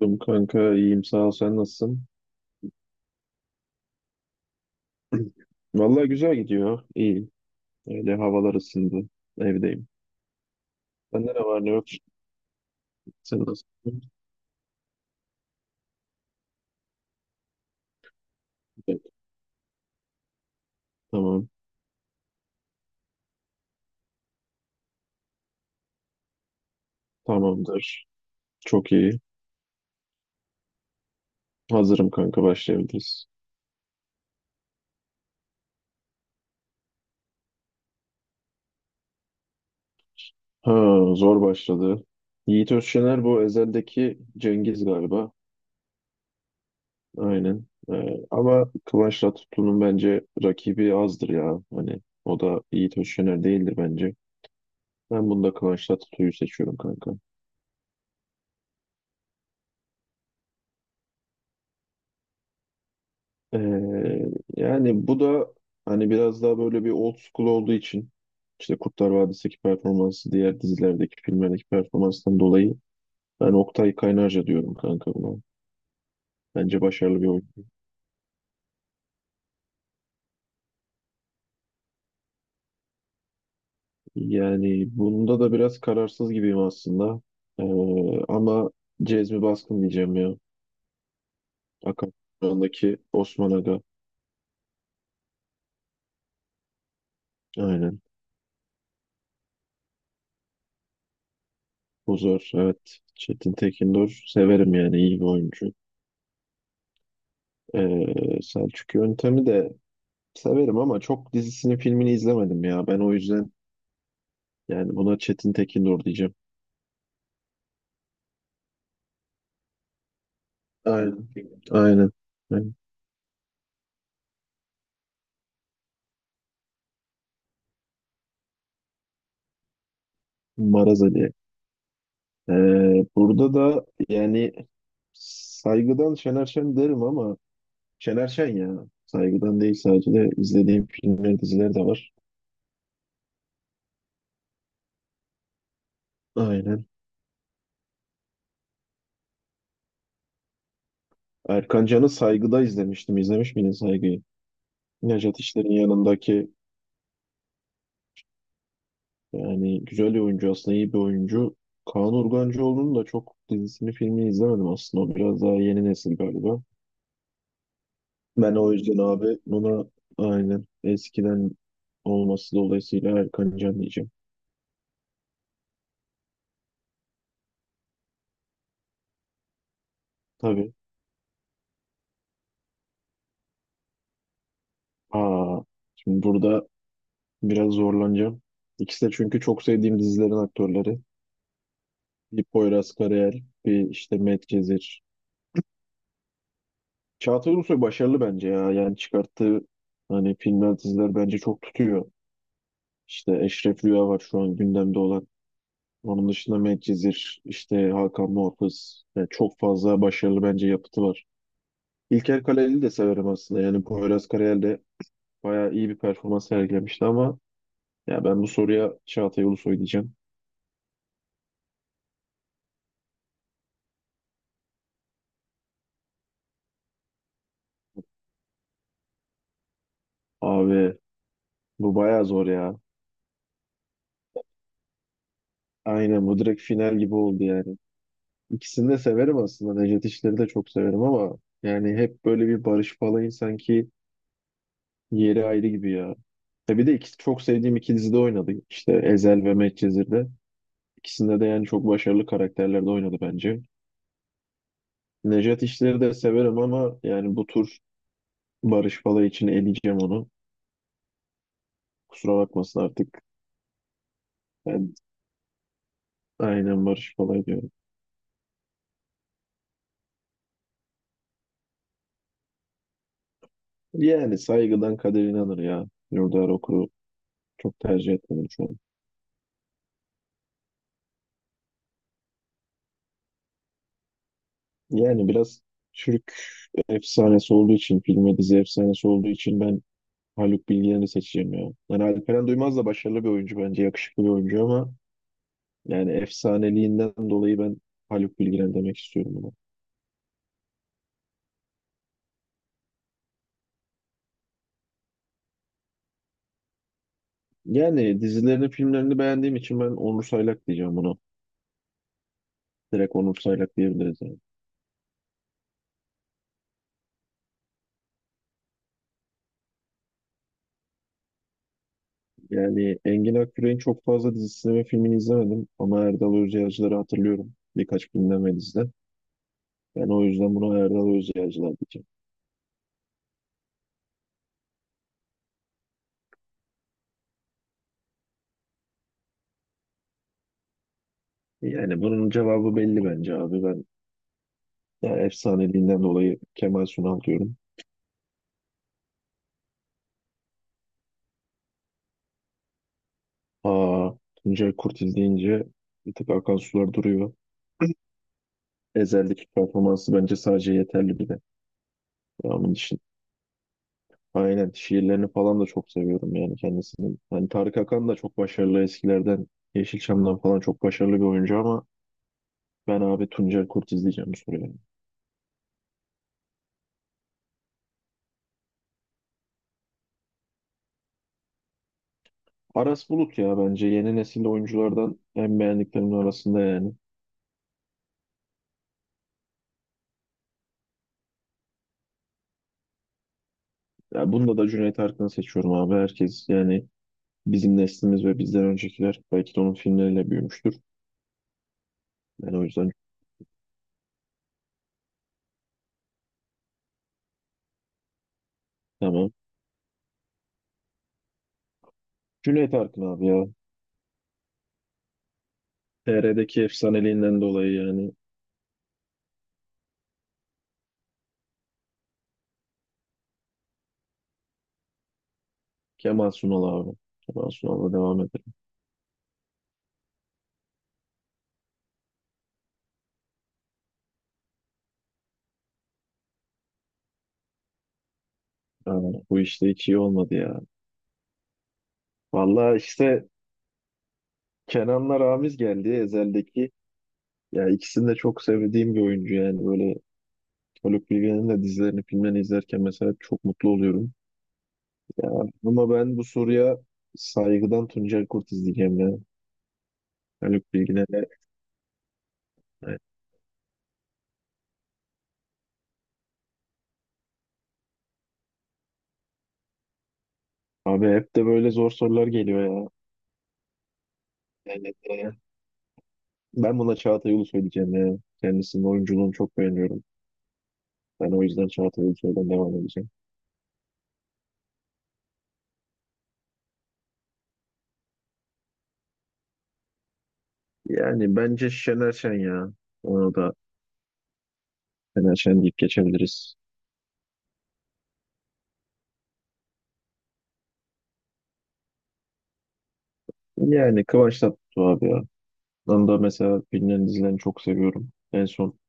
Buldum kanka iyiyim sağ ol, sen nasılsın? Vallahi güzel gidiyor, iyiyim. Öyle havalar ısındı, evdeyim. Sende ne var ne yok? Sen nasılsın? Evet. Tamam tamamdır. Çok iyi. Hazırım kanka, başlayabiliriz. Ha, zor başladı. Yiğit Özşener bu Ezel'deki Cengiz galiba. Aynen. Ama Kıvanç Tatlıtuğ'un bence rakibi azdır ya. Hani o da Yiğit Özşener değildir bence. Ben bunda Kıvanç Tatlıtuğ'u seçiyorum kanka. Ee, yani bu da hani biraz daha böyle bir old school olduğu için işte Kurtlar Vadisi'ndeki performansı, diğer dizilerdeki filmlerdeki performanstan dolayı ben Oktay Kaynarca diyorum kanka buna. Bence başarılı bir oyun. Yani bunda da biraz kararsız gibiyim aslında. Ee, ama Cezmi Baskın diyeceğim ya. Akan Kur'an'daki Osman Aga. Aynen. Bu zor. Evet. Çetin Tekindor. Severim yani, iyi bir oyuncu. Selçuk Yöntem'i de severim ama çok dizisini filmini izlemedim ya. Ben o yüzden yani buna Çetin Tekindor diyeceğim. Aynen. Aynen. Aynen. Maraz Ali. Burada da yani saygıdan Şener Şen derim ama Şener Şen ya. Saygıdan değil, sadece de izlediğim filmler, diziler de var. Aynen. Erkan Can'ı Saygı'da izlemiştim. İzlemiş miydin Saygı'yı? Nejat İşler'in yanındaki. Yani güzel bir oyuncu aslında, iyi bir oyuncu. Kaan Urgancıoğlu'nun da çok dizisini filmini izlemedim aslında. O biraz daha yeni nesil galiba. Ben o yüzden abi buna, aynen eskiden olması dolayısıyla, Erkan Can diyeceğim. Tabii. Aa, şimdi burada biraz zorlanacağım. İkisi de çünkü çok sevdiğim dizilerin aktörleri. Bir Poyraz Karayel, bir işte Medcezir. Çağatay Ulusoy başarılı bence ya. Yani çıkarttığı hani filmler, diziler bence çok tutuyor. İşte Eşref Rüya var şu an gündemde olan. Onun dışında Medcezir, işte Hakan Muhafız. Yani çok fazla başarılı bence yapıtı var. İlker Kaleli'yi de severim aslında. Yani Poyraz Karayel de bayağı iyi bir performans sergilemişti ama ya, ben bu soruya Çağatay Ulusoy diyeceğim. Abi bu bayağı zor ya. Aynen, bu direkt final gibi oldu yani. İkisini de severim aslında. Necdet İşler'i de çok severim ama yani hep böyle bir Barış Falay'ın sanki yeri ayrı gibi ya. E bir de ikisi çok sevdiğim iki dizide oynadı. İşte Ezel ve Medcezir'de. İkisinde de yani çok başarılı karakterlerde oynadı bence. Nejat İşler'i de severim ama yani bu tur Barış Palay için eleyeceğim onu. Kusura bakmasın artık. Ben aynen Barış Palay diyorum. Yani saygıdan kader inanır ya. Yurdaer Okur'u çok tercih etmedim şu an. Yani biraz Türk efsanesi olduğu için, film ve dizi efsanesi olduğu için ben Haluk Bilginer'i seçeceğim ya. Yani Alperen Duymaz da başarılı bir oyuncu bence, yakışıklı bir oyuncu ama yani efsaneliğinden dolayı ben Haluk Bilginer demek istiyorum buna. Yani dizilerini, filmlerini beğendiğim için ben Onur Saylak diyeceğim buna. Direkt Onur Saylak diyebiliriz yani. Yani Engin Akgürel'in çok fazla dizisini ve filmini izlemedim ama Erdal Özyağcılar'ı hatırlıyorum birkaç filmden ve diziden. Ben o yüzden buna Erdal Özyağcılar diyeceğim. Yani bunun cevabı belli bence abi. Ben ya efsaneliğinden dolayı Kemal Sunal diyorum. Tuncay Kurtiz deyince bir tık akan sular duruyor. Ezel'deki performansı bence sadece yeterli bile. Devamın için. Aynen. Şiirlerini falan da çok seviyorum yani kendisini. Hani Tarık Akan da çok başarılı eskilerden. Yeşilçam'dan falan çok başarılı bir oyuncu ama ben abi Tuncel Kurtiz diyeceğim bu soruya. Aras Bulut ya, bence yeni nesil oyunculardan en beğendiklerimin arasında yani. Ya bunda da Cüneyt Arkın'ı seçiyorum abi. Herkes yani bizim neslimiz ve bizden öncekiler belki de onun filmleriyle büyümüştür. Ben o yüzden tamam. Cüneyt Arkın abi ya. TR'deki efsaneliğinden dolayı yani Kemal Sunal abi. Kemal Sunal'la devam edelim. Bu işte hiç iyi olmadı ya. Vallahi işte Kenan'la Ramiz geldi Ezel'deki. Ya ikisini de çok sevdiğim bir oyuncu yani böyle. Haluk Bilginer'in de dizilerini, filmlerini izlerken mesela çok mutlu oluyorum. Ya, ama ben bu soruya saygıdan Tuncel Kurt izleyeceğim ya. Haluk Bilginer'e. Evet. Abi hep de böyle zor sorular geliyor ya. Yani, e, ben buna Çağatay Ulusoy diyeceğim ya. Kendisinin oyunculuğunu çok beğeniyorum. Ben o yüzden Çağatay Ulusoy'dan devam edeceğim. Yani bence Şener Şen ya. Onu da Şener Şen deyip geçebiliriz. Yani Kıvanç Tatlıtuğ abi ya. Ben da mesela bilinen dizilerini çok seviyorum. En son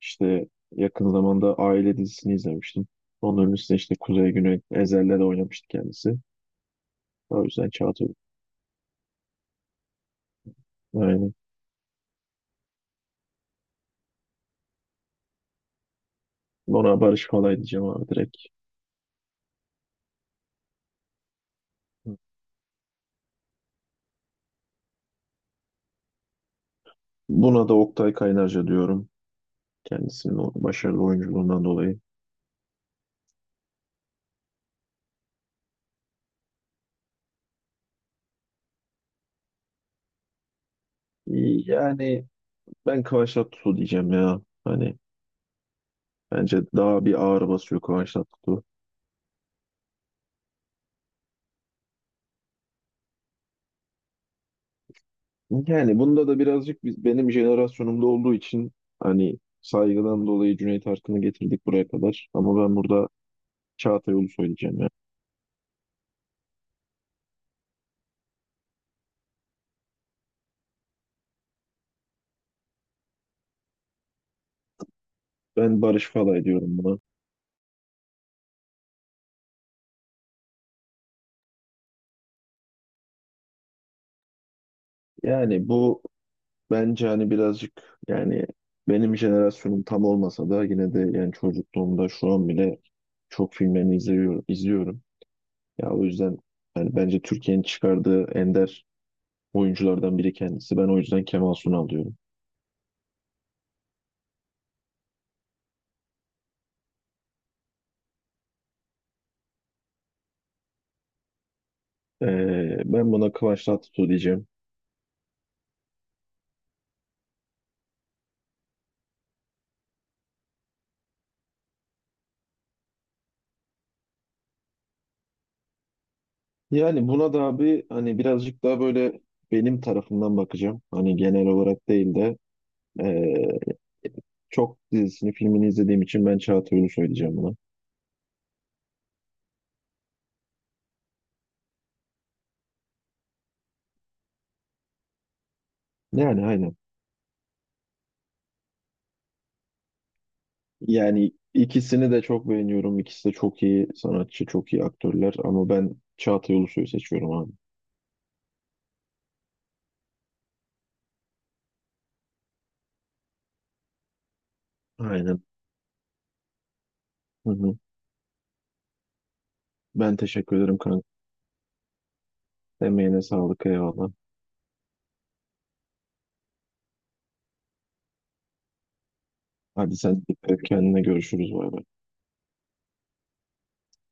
işte yakın zamanda Aile dizisini izlemiştim. Onun öncesinde işte Kuzey Güney Ezel'le de oynamıştı kendisi. O yüzden Çağatay. Aynen. Ona Barış Falay diyeceğim abi direkt. Buna da Oktay Kaynarca diyorum. Kendisinin o başarılı oyunculuğundan dolayı. Yani ben Kıvanç Tatlıtuğ diyeceğim ya. Hani bence daha bir ağır basıyor Kıvanç Tatlıtuğ. Yani bunda da birazcık biz, benim jenerasyonumda olduğu için hani saygıdan dolayı Cüneyt Arkın'ı getirdik buraya kadar. Ama ben burada Çağatay Ulusoy söyleyeceğim ya. Ben Barış Falay diyorum buna. Yani bu bence hani birazcık yani benim jenerasyonum tam olmasa da yine de yani çocukluğumda şu an bile çok filmlerini izliyorum. Ya o yüzden yani bence Türkiye'nin çıkardığı ender oyunculardan biri kendisi. Ben o yüzden Kemal Sunal diyorum. Ben buna Kıvanç Tatlıtuğ diyeceğim. Yani buna da abi hani birazcık daha böyle benim tarafından bakacağım. Hani genel olarak değil de ee, çok dizisini filmini izlediğim için ben Çağatay Ulusoy diyeceğim buna. Yani aynen. Yani ikisini de çok beğeniyorum. İkisi de çok iyi sanatçı, çok iyi aktörler ama ben Çağatay Ulusoy'u seçiyorum abi. Aynen. Hı hı. Ben teşekkür ederim kanka. Emeğine sağlık, eyvallah. Hadi sen dikkat et kendine, görüşürüz, bay bay.